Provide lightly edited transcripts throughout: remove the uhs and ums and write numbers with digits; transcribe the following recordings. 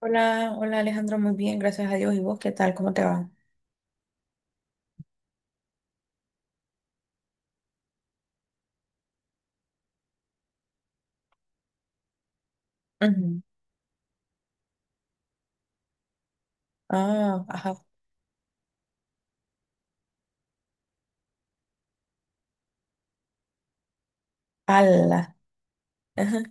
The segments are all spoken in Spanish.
Hola, hola Alejandro, muy bien, gracias a Dios. ¿Y vos qué tal? ¿Cómo te va? Ujú. Ah, ajá. Ala. Ajá.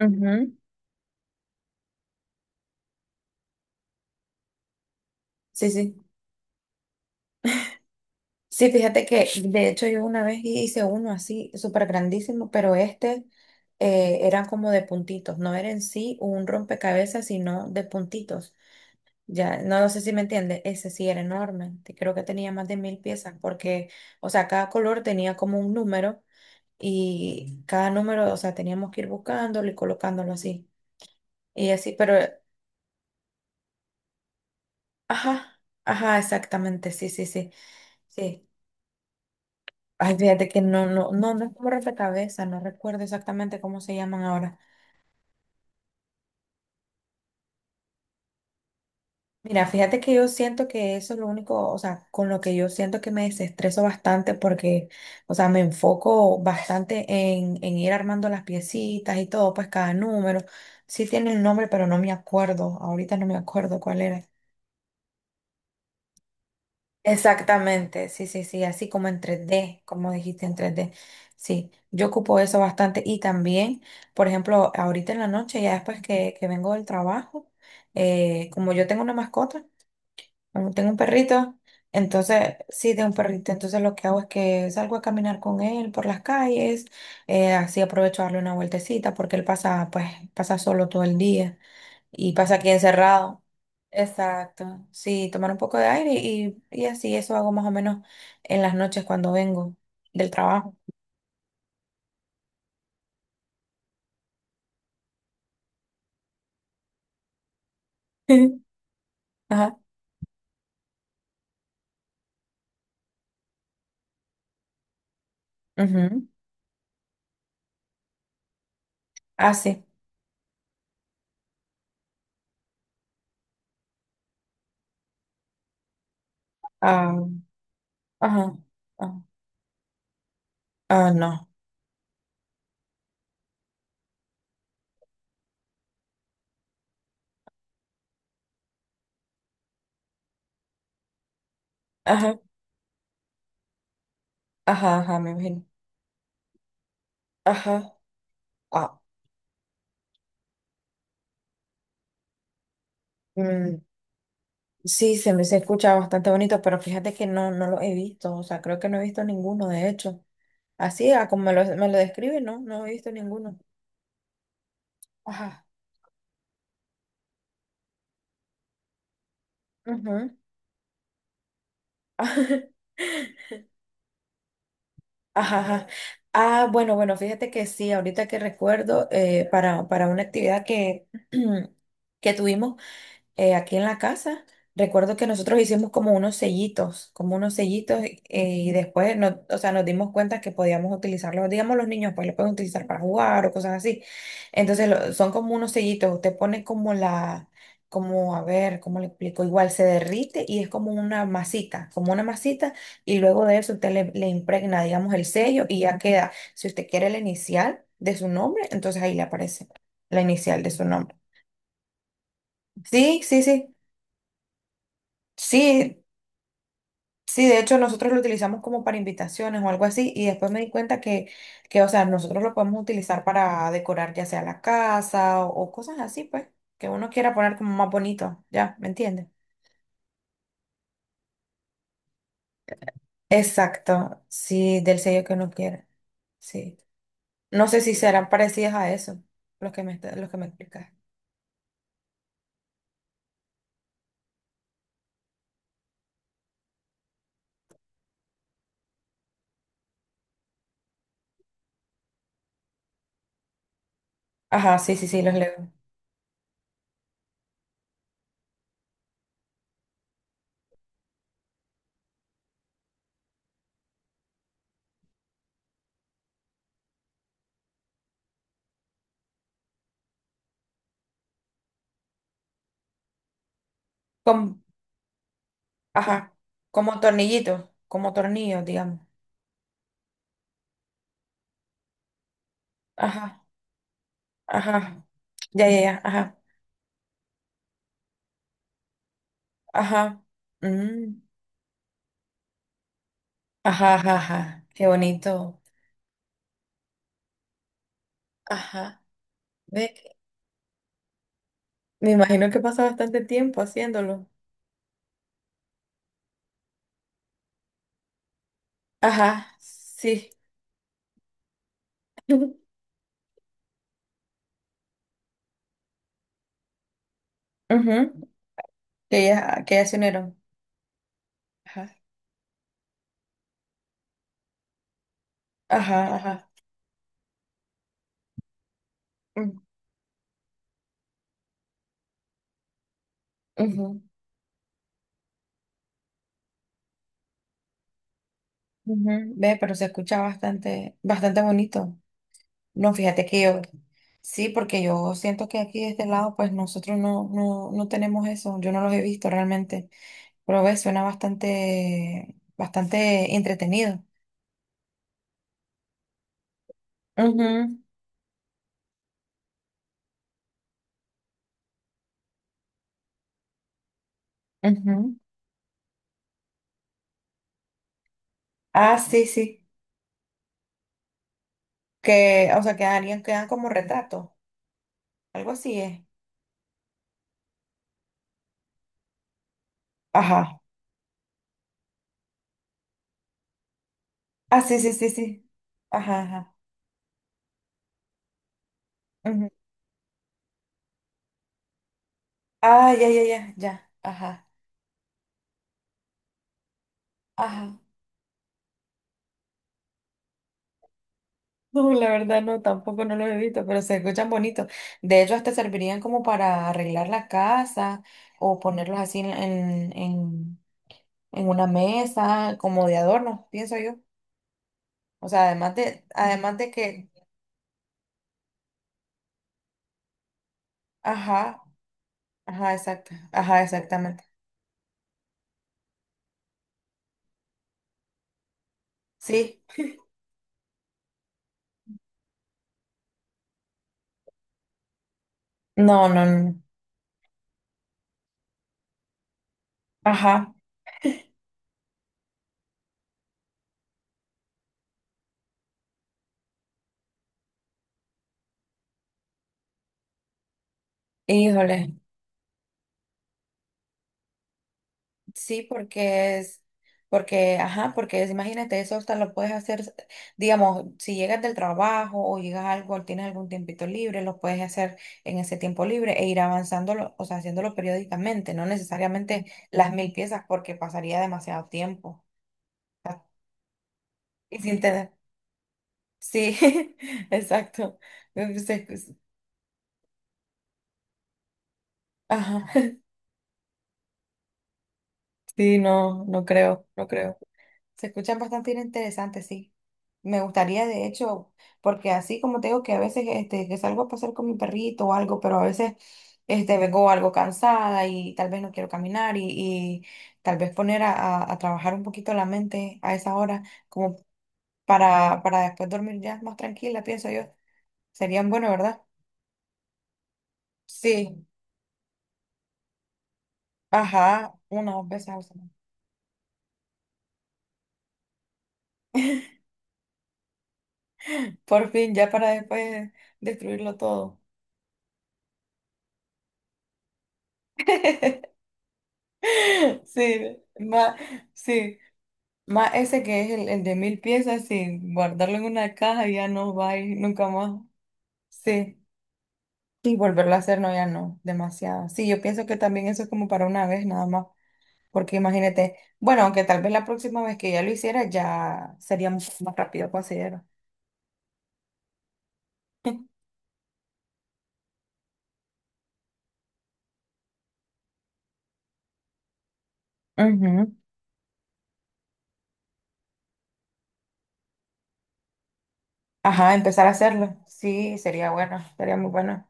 Ujú. Sí, sí. Sí, fíjate que de hecho yo una vez hice uno así, súper grandísimo, pero este era como de puntitos, no era en sí un rompecabezas, sino de puntitos. Ya, no sé si me entiende. Ese sí era enorme, creo que tenía más de mil piezas, porque, o sea, cada color tenía como un número y cada número, o sea, teníamos que ir buscándolo y colocándolo así. Y así, pero, ajá, ajá, exactamente, sí, sí, sí, sí. Ay, fíjate que no, no, no, no es como rompecabezas, no recuerdo exactamente cómo se llaman ahora. Mira, fíjate que yo siento que eso es lo único, o sea, con lo que yo siento que me desestreso bastante porque, o sea, me enfoco bastante en, ir armando las piecitas y todo, pues cada número. Sí tiene el nombre, pero no me acuerdo, ahorita no me acuerdo cuál era. Exactamente, sí, sí, sí, así como en 3D, como dijiste en 3D. Sí, yo ocupo eso bastante y también, por ejemplo, ahorita en la noche, ya después que, vengo del trabajo, como yo tengo una mascota, tengo un perrito, entonces, sí, tengo un perrito, entonces lo que hago es que salgo a caminar con él por las calles, así aprovecho a darle una vueltecita porque él pasa, pues, pasa solo todo el día. Y pasa aquí encerrado. Exacto. Sí, tomar un poco de aire y, así eso hago más o menos en las noches cuando vengo del trabajo. Ajá. Ujú. Ah, sí. Ah, ajá. Ah, ah, no. Ajá. Ajá, ajá, me imagino. Ajá. Ah. mm, sí, se escucha bastante bonito, pero fíjate que no, no lo he visto. O sea, creo que no he visto ninguno, de hecho. Así, ah, como me lo describe, no, no he visto ninguno. Ajá. Ujú. Ajá, ajá. Ah, bueno, bueno, fíjate que sí, ahorita que recuerdo, para, una actividad que, que tuvimos, aquí en la casa. Recuerdo que nosotros hicimos como unos sellitos, y después nos, o sea, nos dimos cuenta que podíamos utilizarlos. Digamos, los niños pues los pueden utilizar para jugar o cosas así. Entonces son como unos sellitos. Usted pone como la, como, a ver, ¿cómo le explico? Igual se derrite y es como una masita, y luego de eso usted le, impregna, digamos, el sello y ya queda. Si usted quiere la inicial de su nombre, entonces ahí le aparece la inicial de su nombre. Sí, sí, sí. Sí, sí, de hecho nosotros lo utilizamos como para invitaciones o algo así y después me di cuenta que, o sea, nosotros lo podemos utilizar para decorar ya sea la casa o, cosas así, pues, que uno quiera poner como más bonito, ¿ya? ¿Me entiendes? Exacto, sí, del sello que uno quiera, sí. No sé si serán parecidas a eso, los que me, los que me explicas. Ajá, sí, sí, sí, los leo. Como, ajá, como tornillitos, como tornillos, digamos. Ajá, ajá, ya, ya, ya, ajá, ajá. Mm. Ajá, ajá, ajá. Qué bonito. Ajá. Ve que- Me imagino que pasa bastante tiempo haciéndolo. Ajá, sí. Ujú, que ya, que ya se unieron. Ajá, ajá, ajá. Mm, ujú, ujú. Ve, pero se escucha bastante, bastante bonito. No, fíjate que yo, sí, porque yo siento que aquí de este lado, pues nosotros no, no, no tenemos eso. Yo no los he visto realmente. Pero ve, suena bastante, bastante entretenido. Ujú, ujú. Ah, sí, sí. Que, o sea, que alguien quedan como retrato. Algo así es. Ajá. Ah, sí, sí, sí, sí. Ajá, ajá. Ujú. Ah, ya, ya, ya, ya. Ajá. Ajá. No, la verdad no, tampoco no lo he visto, pero se escuchan bonitos. De hecho, hasta servirían como para arreglar la casa o ponerlos así en, en una mesa, como de adorno, pienso yo. O sea, además de, que, ajá, ajá, exacto, ajá, exactamente. Sí. No, no, no. Ajá, híjole, sí, porque es, porque, ajá, imagínate, eso hasta lo puedes hacer, digamos, si llegas del trabajo o llegas a algo, tienes algún tiempito libre, lo puedes hacer en ese tiempo libre e ir avanzándolo, o sea, haciéndolo periódicamente, no necesariamente las mil piezas porque pasaría demasiado tiempo. Ah, y sin tener, sí, exacto. se- Ajá, sí, no, no creo, no creo. Se escuchan bastante interesantes, sí. Me gustaría, de hecho, porque así como te digo que a veces este, que salgo a pasar con mi perrito o algo, pero a veces este, vengo algo cansada y tal vez no quiero caminar y, tal vez poner a, a trabajar un poquito la mente a esa hora, como para, después dormir ya más tranquila, pienso yo. Serían bueno, ¿verdad? Sí, ajá, una o dos veces al semana. Por fin, ya para después destruirlo todo. Sí, más, sí. Más ese que es el de mil piezas, sí, guardarlo en una caja ya no va a ir nunca más. Sí, y volverlo a hacer no, ya no, demasiado. Sí, yo pienso que también eso es como para una vez nada más, porque imagínate, bueno, aunque tal vez la próxima vez que ya lo hiciera ya sería mucho más rápido, considero. Ujú. Ajá, empezar a hacerlo. Sí, sería bueno, sería muy bueno.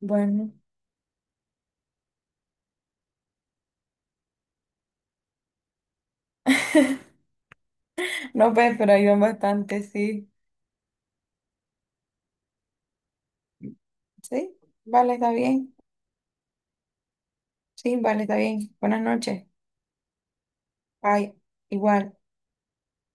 Bueno. No, pues, pero ayudan bastante, sí. Sí, vale, está bien. Sí, vale, está bien. Buenas noches. Ay, igual.